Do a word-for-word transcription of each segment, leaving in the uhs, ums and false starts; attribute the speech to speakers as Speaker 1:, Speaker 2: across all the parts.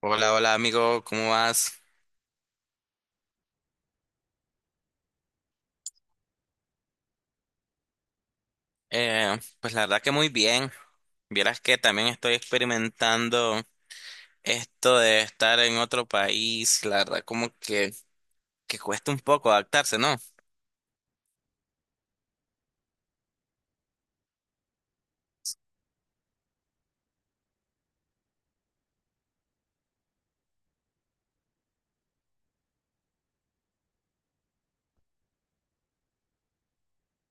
Speaker 1: Hola, hola amigo, ¿cómo vas? Eh, pues la verdad que muy bien. Vieras que también estoy experimentando esto de estar en otro país. La verdad como que, que cuesta un poco adaptarse, ¿no?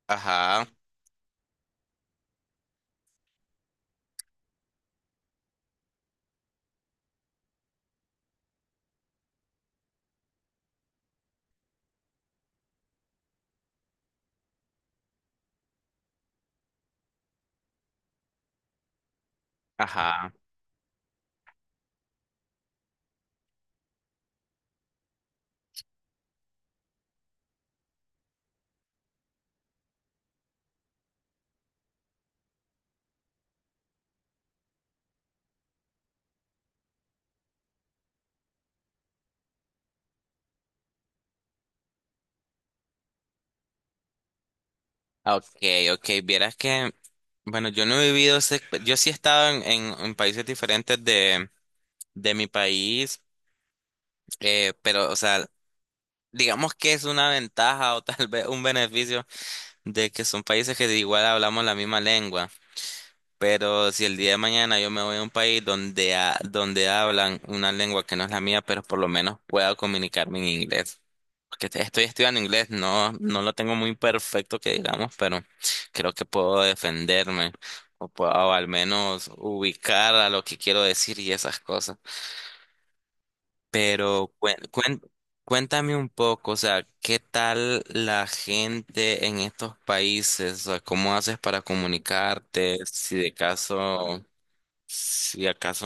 Speaker 1: Ajá, ajá. Ah, ok, ok. Vieras que, bueno, yo no he vivido, esa exp- yo sí he estado en, en, en países diferentes de, de mi país, eh, pero, o sea, digamos que es una ventaja o tal vez un beneficio de que son países que igual hablamos la misma lengua. Pero si el día de mañana yo me voy a un país donde, ha- donde hablan una lengua que no es la mía, pero por lo menos pueda comunicarme en inglés. Porque te- estoy estudiando inglés, no, no lo tengo muy perfecto que digamos, pero creo que puedo defenderme o, puedo, o al menos ubicar a lo que quiero decir y esas cosas. Pero cuen- cuen- cuéntame un poco, o sea, ¿qué tal la gente en estos países? O sea, ¿cómo haces para comunicarte? Si de caso... Si acaso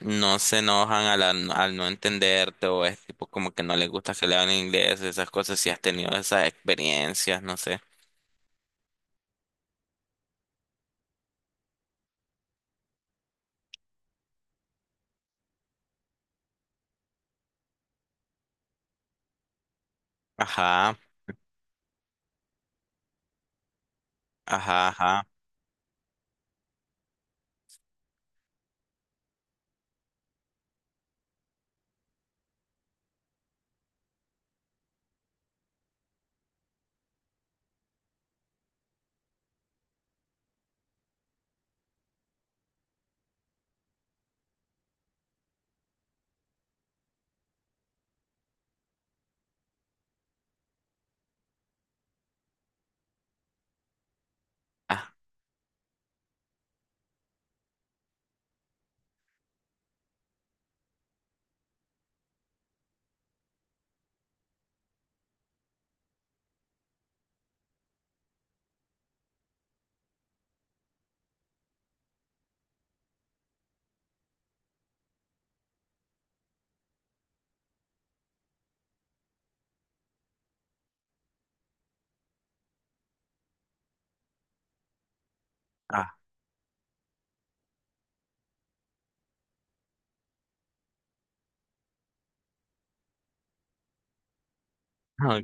Speaker 1: no se enojan al, al no entenderte o es tipo como que no les gusta que le hablen inglés, esas cosas, si has tenido esas experiencias, no sé. Ajá, ajá, ajá. Ah, ah, ah,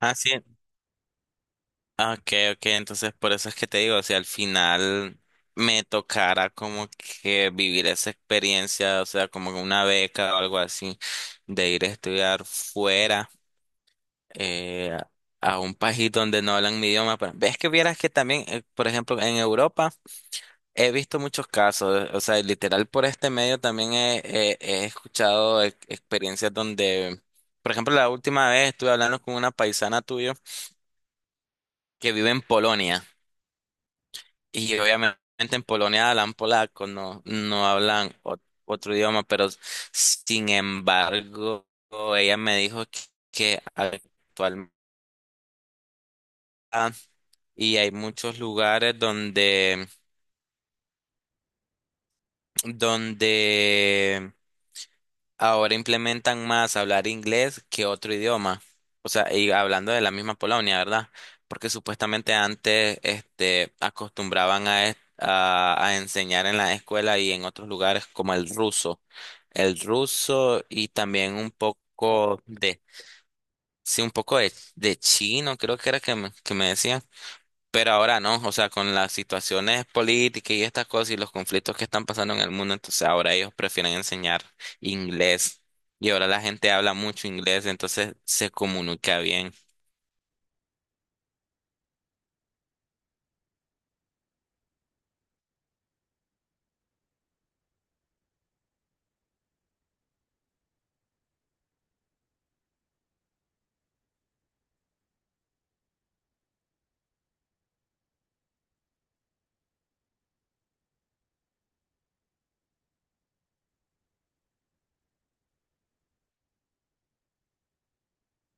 Speaker 1: ah, sí. Ah, ok, ok, entonces por eso es que te digo, si al final me tocara como que vivir esa experiencia, o sea, como una beca o algo así, de ir a estudiar fuera. Eh, a un país donde no hablan mi idioma. Pero ves que vieras que también, eh, por ejemplo, en Europa he visto muchos casos, eh, o sea, literal por este medio también he, he- he escuchado e- experiencias donde, por ejemplo, la última vez estuve hablando con una paisana tuya que vive en Polonia y obviamente en Polonia hablan polaco, no, no hablan ot- otro idioma, pero sin embargo, ella me dijo que que actualmente y hay muchos lugares donde, donde ahora implementan más hablar inglés que otro idioma. O sea, y hablando de la misma Polonia, ¿verdad? Porque supuestamente antes, este, acostumbraban a, es- a, a enseñar en la escuela y en otros lugares como el ruso. El ruso y también un poco de, sí, un poco de, de chino, creo que era que me, que me decían. Pero ahora no, o sea, con las situaciones políticas y estas cosas y los conflictos que están pasando en el mundo, entonces ahora ellos prefieren enseñar inglés y ahora la gente habla mucho inglés, entonces se comunica bien.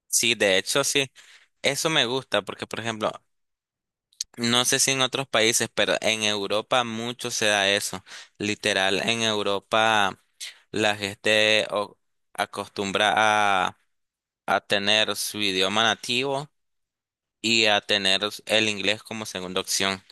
Speaker 1: Sí, de hecho, sí, eso me gusta porque, por ejemplo, no sé si en otros países, pero en Europa mucho se da eso. Literal, en Europa la gente o- acostumbra a, a tener su idioma nativo y a tener el inglés como segunda opción.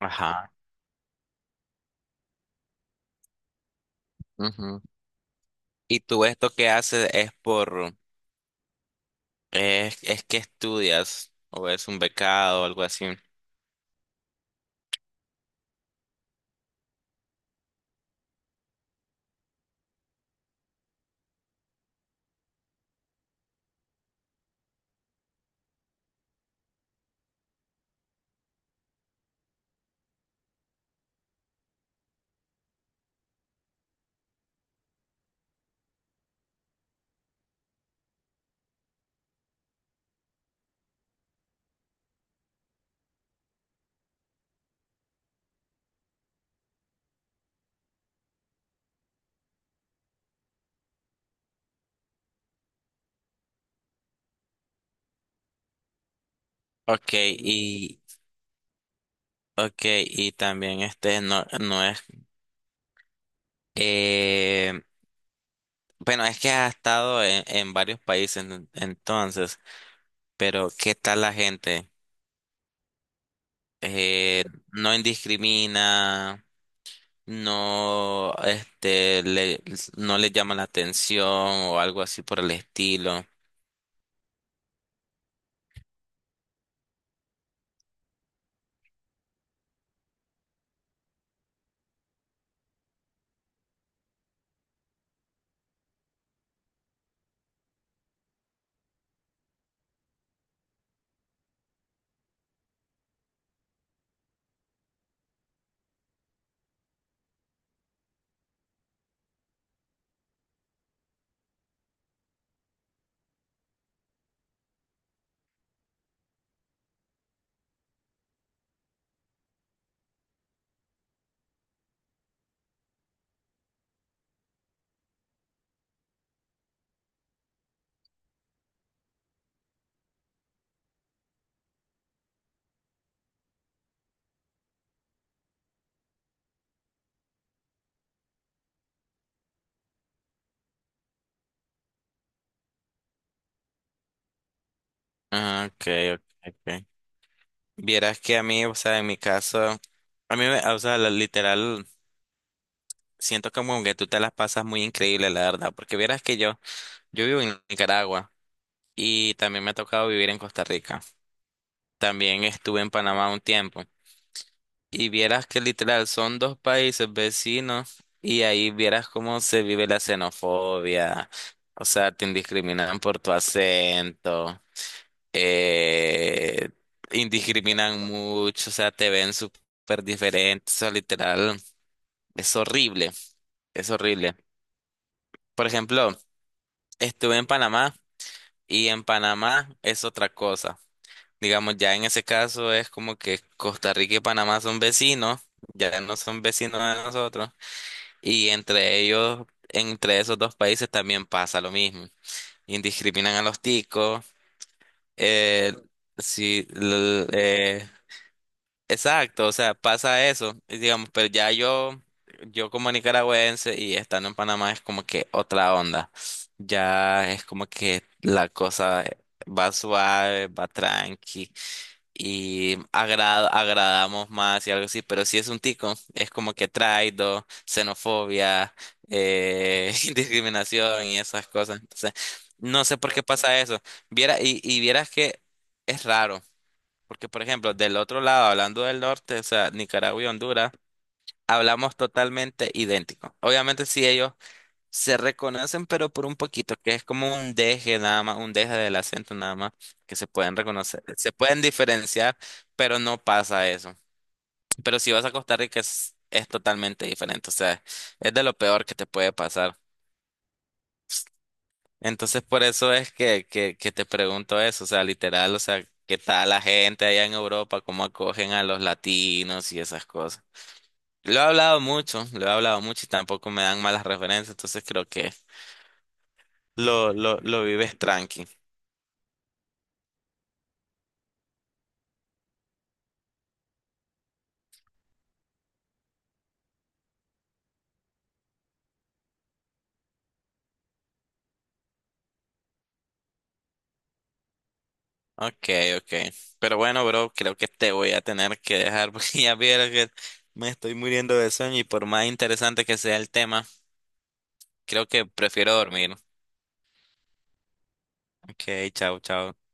Speaker 1: Ajá. Ujú. ¿Y tú esto que haces es por, es, es que estudias o es un becado o algo así? Ok, y, okay, y también este no, no es, eh, bueno, es que has estado en, en varios países en- entonces, pero ¿qué tal la gente? Eh, no indiscrimina, no, este, le, no le llama la atención o algo así por el estilo. Ah, okay, okay, ok. Vieras que a mí, o sea, en mi caso, a mí, me- o sea, la- literal, siento como que tú te las pasas muy increíble, la verdad, porque vieras que yo, yo vivo en Nicaragua y también me ha tocado vivir en Costa Rica. También estuve en Panamá un tiempo y vieras que literal son dos países vecinos y ahí vieras cómo se vive la xenofobia, o sea, te discriminan por tu acento. Eh, indiscriminan mucho, o sea, te ven súper diferente, o sea, literal, es horrible, es horrible. Por ejemplo, estuve en Panamá y en Panamá es otra cosa. Digamos, ya en ese caso es como que Costa Rica y Panamá son vecinos, ya no son vecinos de nosotros, y entre ellos, entre esos dos países también pasa lo mismo. Indiscriminan a los ticos, eh, sí, exacto, o sea, pasa eso, y digamos, pero ya yo, yo como nicaragüense y estando en Panamá es como que otra onda, ya es como que la cosa va suave, va tranqui y agra, agradamos más y algo así, pero si es un tico, es como que traido, xenofobia, eh, discriminación y esas cosas, entonces no sé por qué pasa eso, viera, y, y vieras que es raro. Porque, por ejemplo, del otro lado, hablando del norte, o sea, Nicaragua y Honduras, hablamos totalmente idéntico. Obviamente, sí, ellos se reconocen, pero por un poquito, que es como un deje nada más, un deje del acento nada más, que se pueden reconocer, se pueden diferenciar, pero no pasa eso. Pero si vas a Costa Rica, es, es totalmente diferente, o sea, es de lo peor que te puede pasar. Entonces, por eso es que, que, que te pregunto eso, o sea, literal, o sea, ¿qué tal la gente allá en Europa? ¿Cómo acogen a los latinos y esas cosas? Lo he hablado mucho, lo he hablado mucho y tampoco me dan malas referencias, entonces creo que lo, lo, lo vives tranqui. Ok, ok. Pero bueno, bro, creo que te voy a tener que dejar porque ya vieron que me estoy muriendo de sueño y por más interesante que sea el tema, creo que prefiero dormir. Ok, chao, chao.